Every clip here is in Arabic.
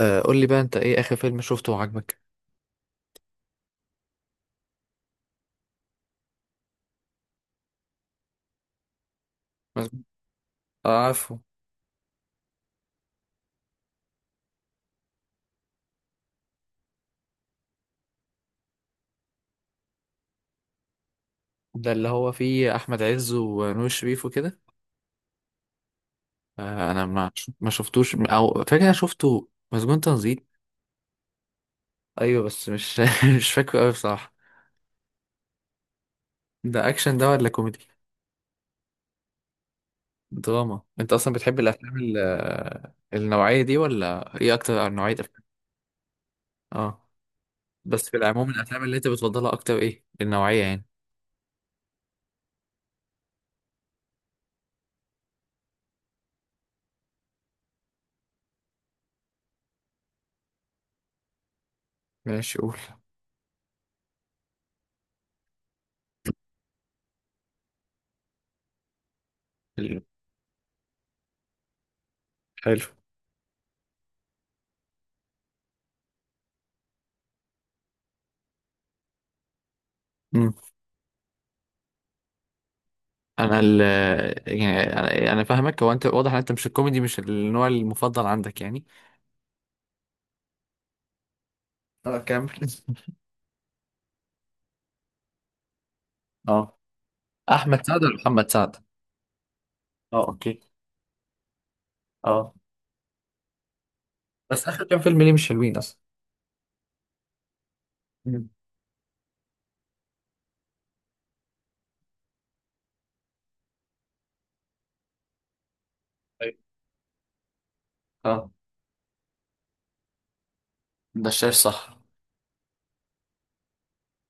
آه، قول لي بقى انت ايه اخر فيلم شفته وعجبك؟ مظبوط. آه، عارفه. ده اللي هو فيه احمد عز ونور شريف وكده؟ آه، انا ما شفتوش، او فاكر انا شفته مسجون تنزيل. ايوه، بس مش مش فاكره قوي بصراحه. ده اكشن ده ولا كوميدي؟ دراما؟ انت اصلا بتحب الافلام النوعيه دي ولا ايه اكتر نوعيه افلام؟ اه. بس في العموم، الافلام اللي انت بتفضلها اكتر ايه النوعيه يعني؟ ماشي، قول. ال- حلو. انا ال يعني انا أنا فاهمك. هو انت واضح ان انت مش الكوميدي مش النوع المفضل عندك يعني. اه، كمل. اه. احمد سعد ولا محمد سعد؟ اه، اوكي. اه. بس اخر كام فيلم ليه مش حلوين اصلا؟ مم. طيب. اه. ده شايف، صح؟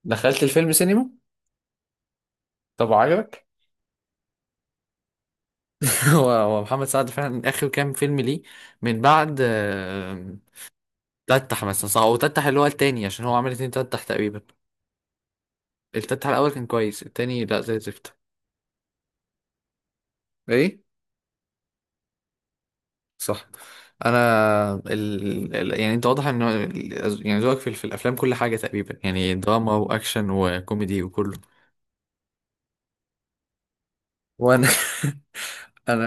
دخلت الفيلم سينما؟ طب عجبك؟ هو محمد سعد فعلا اخر كام فيلم ليه. من بعد تتح مثلا، صح؟ هو تتح اللي هو التاني عشان هو عمل 2 تتح تقريبا. التتح الاول كان كويس، التاني لا، زي الزفت. ايه. صح. يعني انت واضح ان يعني ذوقك في الافلام كل حاجه تقريبا، يعني دراما واكشن وكوميدي وكله. وانا انا.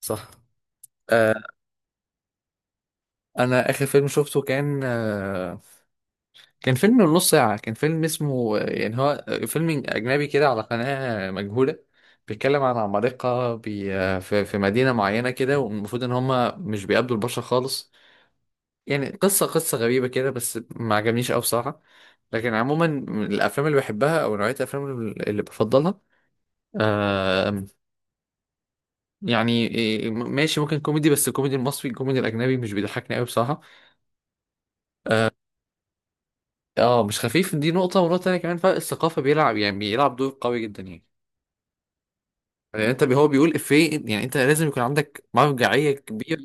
صح. آه، انا اخر فيلم شفته كان آه، كان فيلم من نص ساعه، كان فيلم اسمه يعني هو فيلم اجنبي كده على قناه مجهوله. بيتكلم عن عمالقه في مدينه معينه كده، والمفروض ان هم مش بيقابلوا البشر خالص. يعني قصة غريبة كده، بس ما عجبنيش أوي بصراحة. لكن عموما الأفلام اللي بحبها أو نوعية الأفلام اللي بفضلها، آه، يعني إيه، ماشي، ممكن كوميدي، بس الكوميدي المصري، الكوميدي الأجنبي مش بيضحكني أوي بصراحة. اه، مش خفيف. دي نقطة، ونقطة تانية كمان فرق الثقافة بيلعب، يعني بيلعب دور قوي جدا يعني. يعني أنت هو بيقول إفيه، يعني أنت لازم يكون عندك مرجعية كبيرة.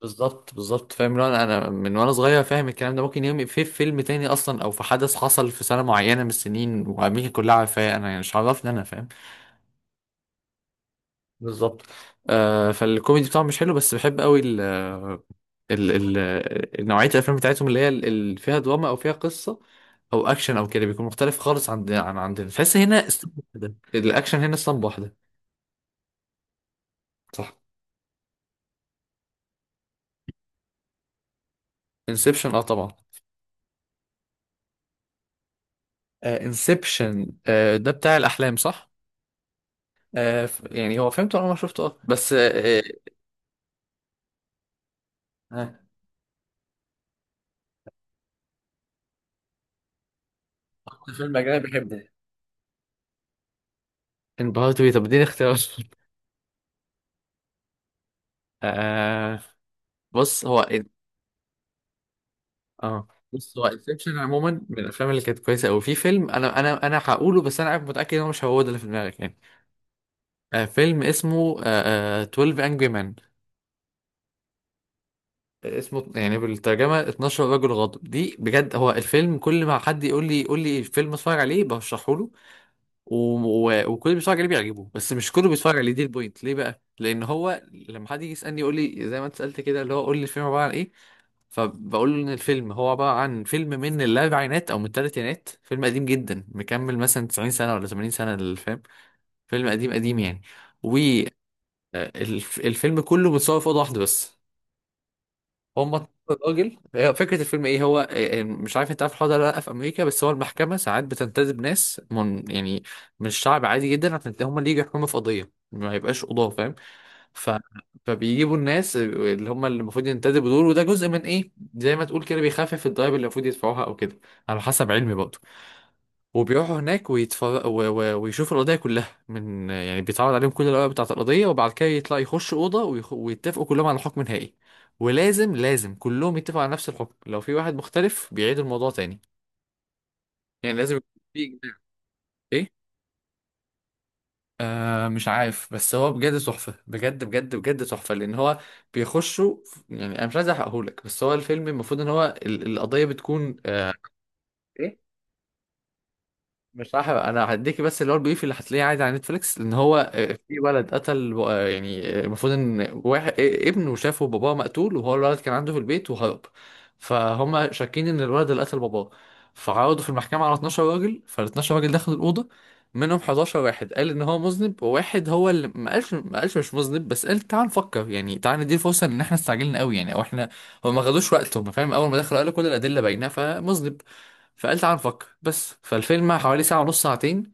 بالظبط بالظبط. فاهم؟ لو انا من وانا صغير فاهم الكلام ده، ممكن يوم في فيلم تاني اصلا، او في حدث حصل في سنه معينه من السنين وامريكا كلها عارفاه، انا يعني مش عرفني، انا فاهم. بالظبط. آه، فالكوميدي بتاعهم مش حلو، بس بحب قوي ال نوعيه الافلام بتاعتهم اللي هي اللي فيها دراما او فيها قصه او اكشن او كده، بيكون مختلف خالص عن عندنا. تحس هنا اسطمبة واحده، الاكشن هنا اسطمبة واحده. صح. انسبشن، اه طبعا. انسبشن، آه Inception، آه، ده بتاع الاحلام، صح. آه، يعني هو فهمته اول ما شفته، اه، بس آه. ها. آه، فيلم اجنبي بحبه، انبهرت بيه؟ طب اديني اختيار. آه. بص هو. اه، بص هو انسبشن عموما من الافلام اللي كانت كويسه قوي. في فيلم انا هقوله، بس انا عارف متاكد ان هو مش هو ده اللي في دماغك يعني. آه، فيلم اسمه 12 انجري مان. اسمه يعني بالترجمه 12 رجل غاضب. دي بجد هو الفيلم، كل ما حد يقول لي فيلم اتفرج عليه برشحه له، و... وكل اللي بيتفرج عليه بيعجبه، بس مش كله بيتفرج عليه. دي البوينت ليه بقى، لان هو لما حد يجي يسالني، يقول لي زي ما انت سالت كده، اللي هو قول لي الفيلم عباره عن ايه. فبقول له ان الفيلم هو عباره عن فيلم من الاربعينات او من الثلاثينات، فيلم قديم جدا مكمل مثلا 90 سنه ولا 80 سنه الفيلم، فيلم قديم قديم يعني. والفيلم كله متصور في اوضه واحده بس. هم طلعوا الراجل، هي فكره الفيلم ايه، هو إيه، مش عارف انت عارف الحوار ده ولا لا. في امريكا، بس هو المحكمه ساعات بتنتدب ناس من يعني من الشعب عادي جدا، عشان هم اللي يجوا يحكموا في قضيه ما يبقاش قضاه، فاهم. ف... فبيجيبوا الناس اللي هم اللي المفروض ينتدبوا دول، وده جزء من ايه، زي ما تقول كده بيخفف الضرايب اللي المفروض يدفعوها او كده، على حسب علمي برضه. وبيروحوا هناك ويشوفوا القضية كلها، من يعني بيتعرض عليهم كل الأوراق بتاعة القضية، وبعد كده يطلع يخش أوضة ويتفقوا كلهم على حكم نهائي. ولازم كلهم يتفقوا على نفس الحكم. لو في واحد مختلف بيعيد الموضوع تاني، يعني لازم يكون في إجماع. إيه؟ آه، مش عارف، بس هو بجد تحفة، بجد بجد بجد تحفة، لأن هو بيخشوا. يعني أنا مش عايز أحرقهولك، بس هو الفيلم المفروض إن هو القضية بتكون آه. إيه؟ مش راح انا هديكي، بس اللي هو البيف اللي هتلاقيه عادي على نتفليكس، لان هو آه، في ولد قتل آه، يعني آه، المفروض ان واحد آه، ابنه شافه باباه مقتول، وهو الولد كان عنده في البيت وهرب. فهم شاكين ان الولد اللي قتل باباه. فعرضوا في المحكمة على 12 راجل، فال 12 راجل دخلوا الأوضة. منهم 11 واحد قال ان هو مذنب، وواحد هو اللي ما قالش مش مذنب، بس قال تعال نفكر، يعني تعال ندي فرصة، ان احنا استعجلنا قوي يعني، او احنا هم ما خدوش وقتهم، فاهم. اول ما دخلوا قالوا كل الأدلة باينة فمذنب، فقال تعال نفكر بس. فالفيلم حوالي ساعة ونص، ساعتين،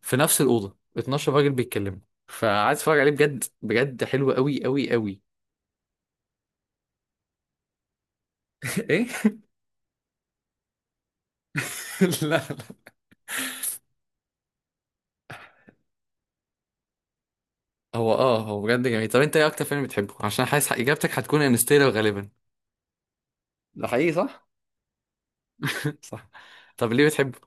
في نفس الأوضة 12 راجل بيتكلموا. فقعدت اتفرج عليه، بجد بجد حلو قوي قوي قوي. ايه. لا، لا. هو بجد جميل. طب انت ايه اكتر فيلم بتحبه؟ عشان حاسس اجابتك هتكون انستيلر غالبا. ده حقيقي، صح؟ صح. طب ليه بتحبه؟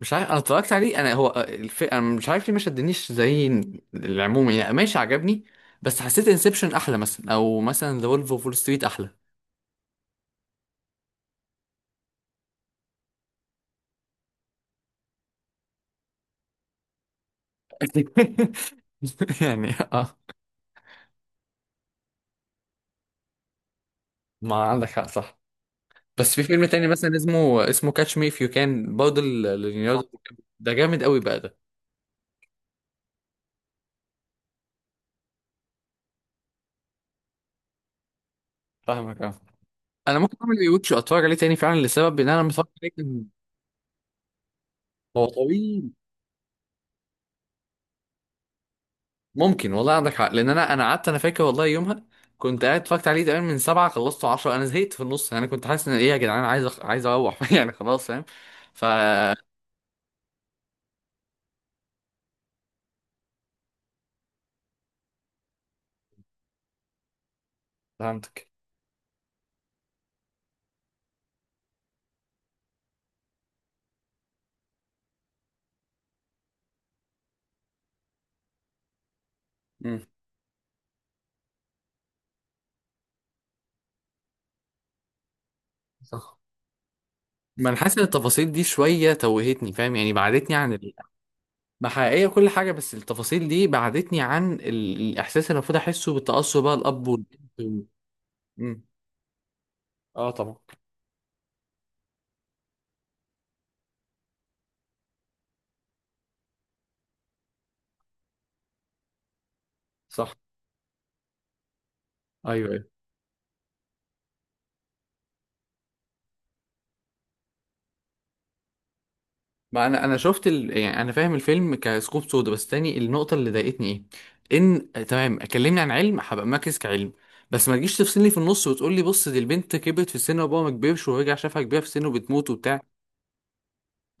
مش عارف، انا اتفرجت عليه انا. هو انا مش عارف ليه ما شدنيش زي العموم يعني. ماشي عجبني، بس حسيت انسبشن احلى مثلا، او مثلا ذا وولف اوف وول ستريت احلى. يعني اه. ما عندك حق، صح. بس في فيلم تاني مثلا، اسمه كاتش مي اف يو، كان برضه لليوناردو دي كابريو. ده جامد قوي بقى ده. فاهمك، اه. انا ممكن اعمل ريوتش واتفرج عليه تاني فعلا، لسبب ان انا متفرج عليه كان هو طويل. ممكن، والله عندك حق، لان انا قعدت، انا فاكر والله يومها كنت قاعد اتفرجت عليه تقريبا من 7، خلصته 10. انا زهقت في النص، يعني كنت حاسس ان ايه يا جدعان، عايز عايز اروح. يعني خلاص، فاهم. ف. فهمتك. امم. صح. ما انا حاسس ان التفاصيل دي شويه توهتني، فاهم، يعني بعدتني عن... ما حقيقية كل حاجة، بس التفاصيل دي بعدتني عن الإحساس اللي المفروض أحسه بالتأثر بقى، الأب والبنت و... مم. آه طبعا. صح. أيوه أيوه. ما أنا شفت ال... يعني أنا فاهم الفيلم كسكوب سودا، بس تاني النقطة اللي ضايقتني. إيه؟ إن آه، تمام كلمني عن علم، هبقى مركز كعلم. بس ما تجيش تفصلني في النص وتقول لي بص دي البنت كبرت في السن وأبوها ما كبرش، ورجع شافها كبيرة في السن وبتموت وبتاع.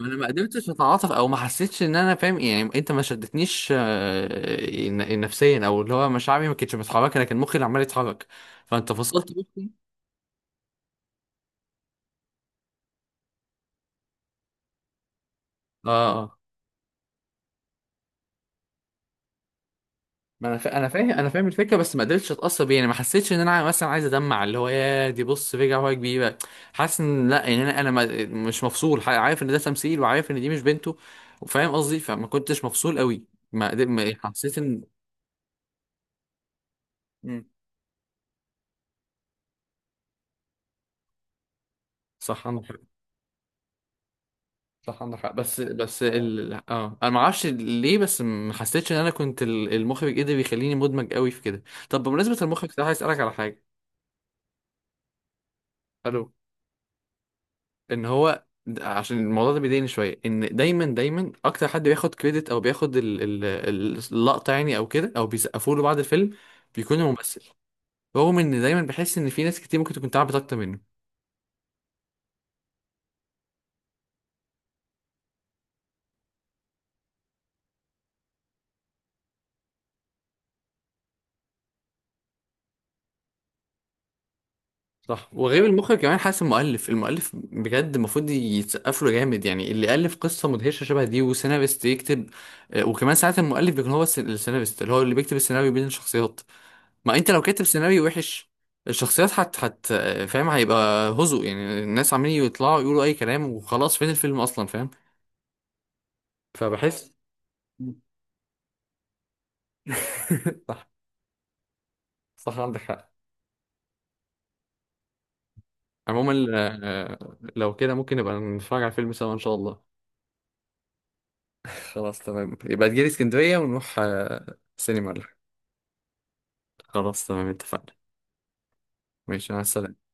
انا ما قدرتش اتعاطف، او ما حسيتش ان انا فاهم، يعني انت ما شدتنيش آه، نفسيا، او اللي هو مشاعري ما كانتش متحركه، لكن مخي اللي عمال يتحرك، فانت فصلت مخي. اه اه. ما انا انا فاهم، الفكره، بس ما قدرتش اتاثر بيه، يعني ما حسيتش ان انا مثلا عايز ادمع، اللي هو يا دي بص رجع هو كبيره. حاسس ان لا، يعني انا ما... مش مفصول، عارف ان ده تمثيل، وعارف ان دي مش بنته، وفاهم قصدي، فما كنتش مفصول قوي. ما حسيت ان. مم. صح انا. صح عندك حق، بس بس ال... اه انا ما اعرفش ليه، بس ما حسيتش ان انا كنت المخرج قدر يخليني مدمج قوي في كده. طب بمناسبه المخرج ده، عايز اسالك على حاجه. الو. ان هو عشان الموضوع ده بيضايقني شويه، ان دايما دايما اكتر حد بياخد كريدت او بياخد اللقطه يعني، او كده، او بيسقفوا له بعد الفيلم، بيكون الممثل. رغم ان دايما بحس ان في ناس كتير ممكن تكون تعبت اكتر منه. صح. وغير المخرج كمان حاسس المؤلف، المؤلف بجد المفروض يتسقف له جامد، يعني اللي ألف قصة مدهشة شبه دي، وسيناريست يكتب، آه، وكمان ساعات المؤلف بيكون هو السيناريست، اللي هو اللي بيكتب السيناريو بين الشخصيات. ما انت لو كاتب سيناريو وحش الشخصيات حت حت آه، فاهم هيبقى هزء، يعني الناس عمالين يطلعوا يقولوا اي كلام وخلاص، فين الفيلم اصلا، فاهم. فبحس. صح. صح عندك حق. عموما آه، لو كده ممكن نبقى نتفرج على الفيلم سوا ان شاء الله. خلاص تمام، يبقى تجيلي اسكندرية ونروح آه، سينما ولا حاجة. خلاص تمام اتفقنا. ماشي، مع السلامة.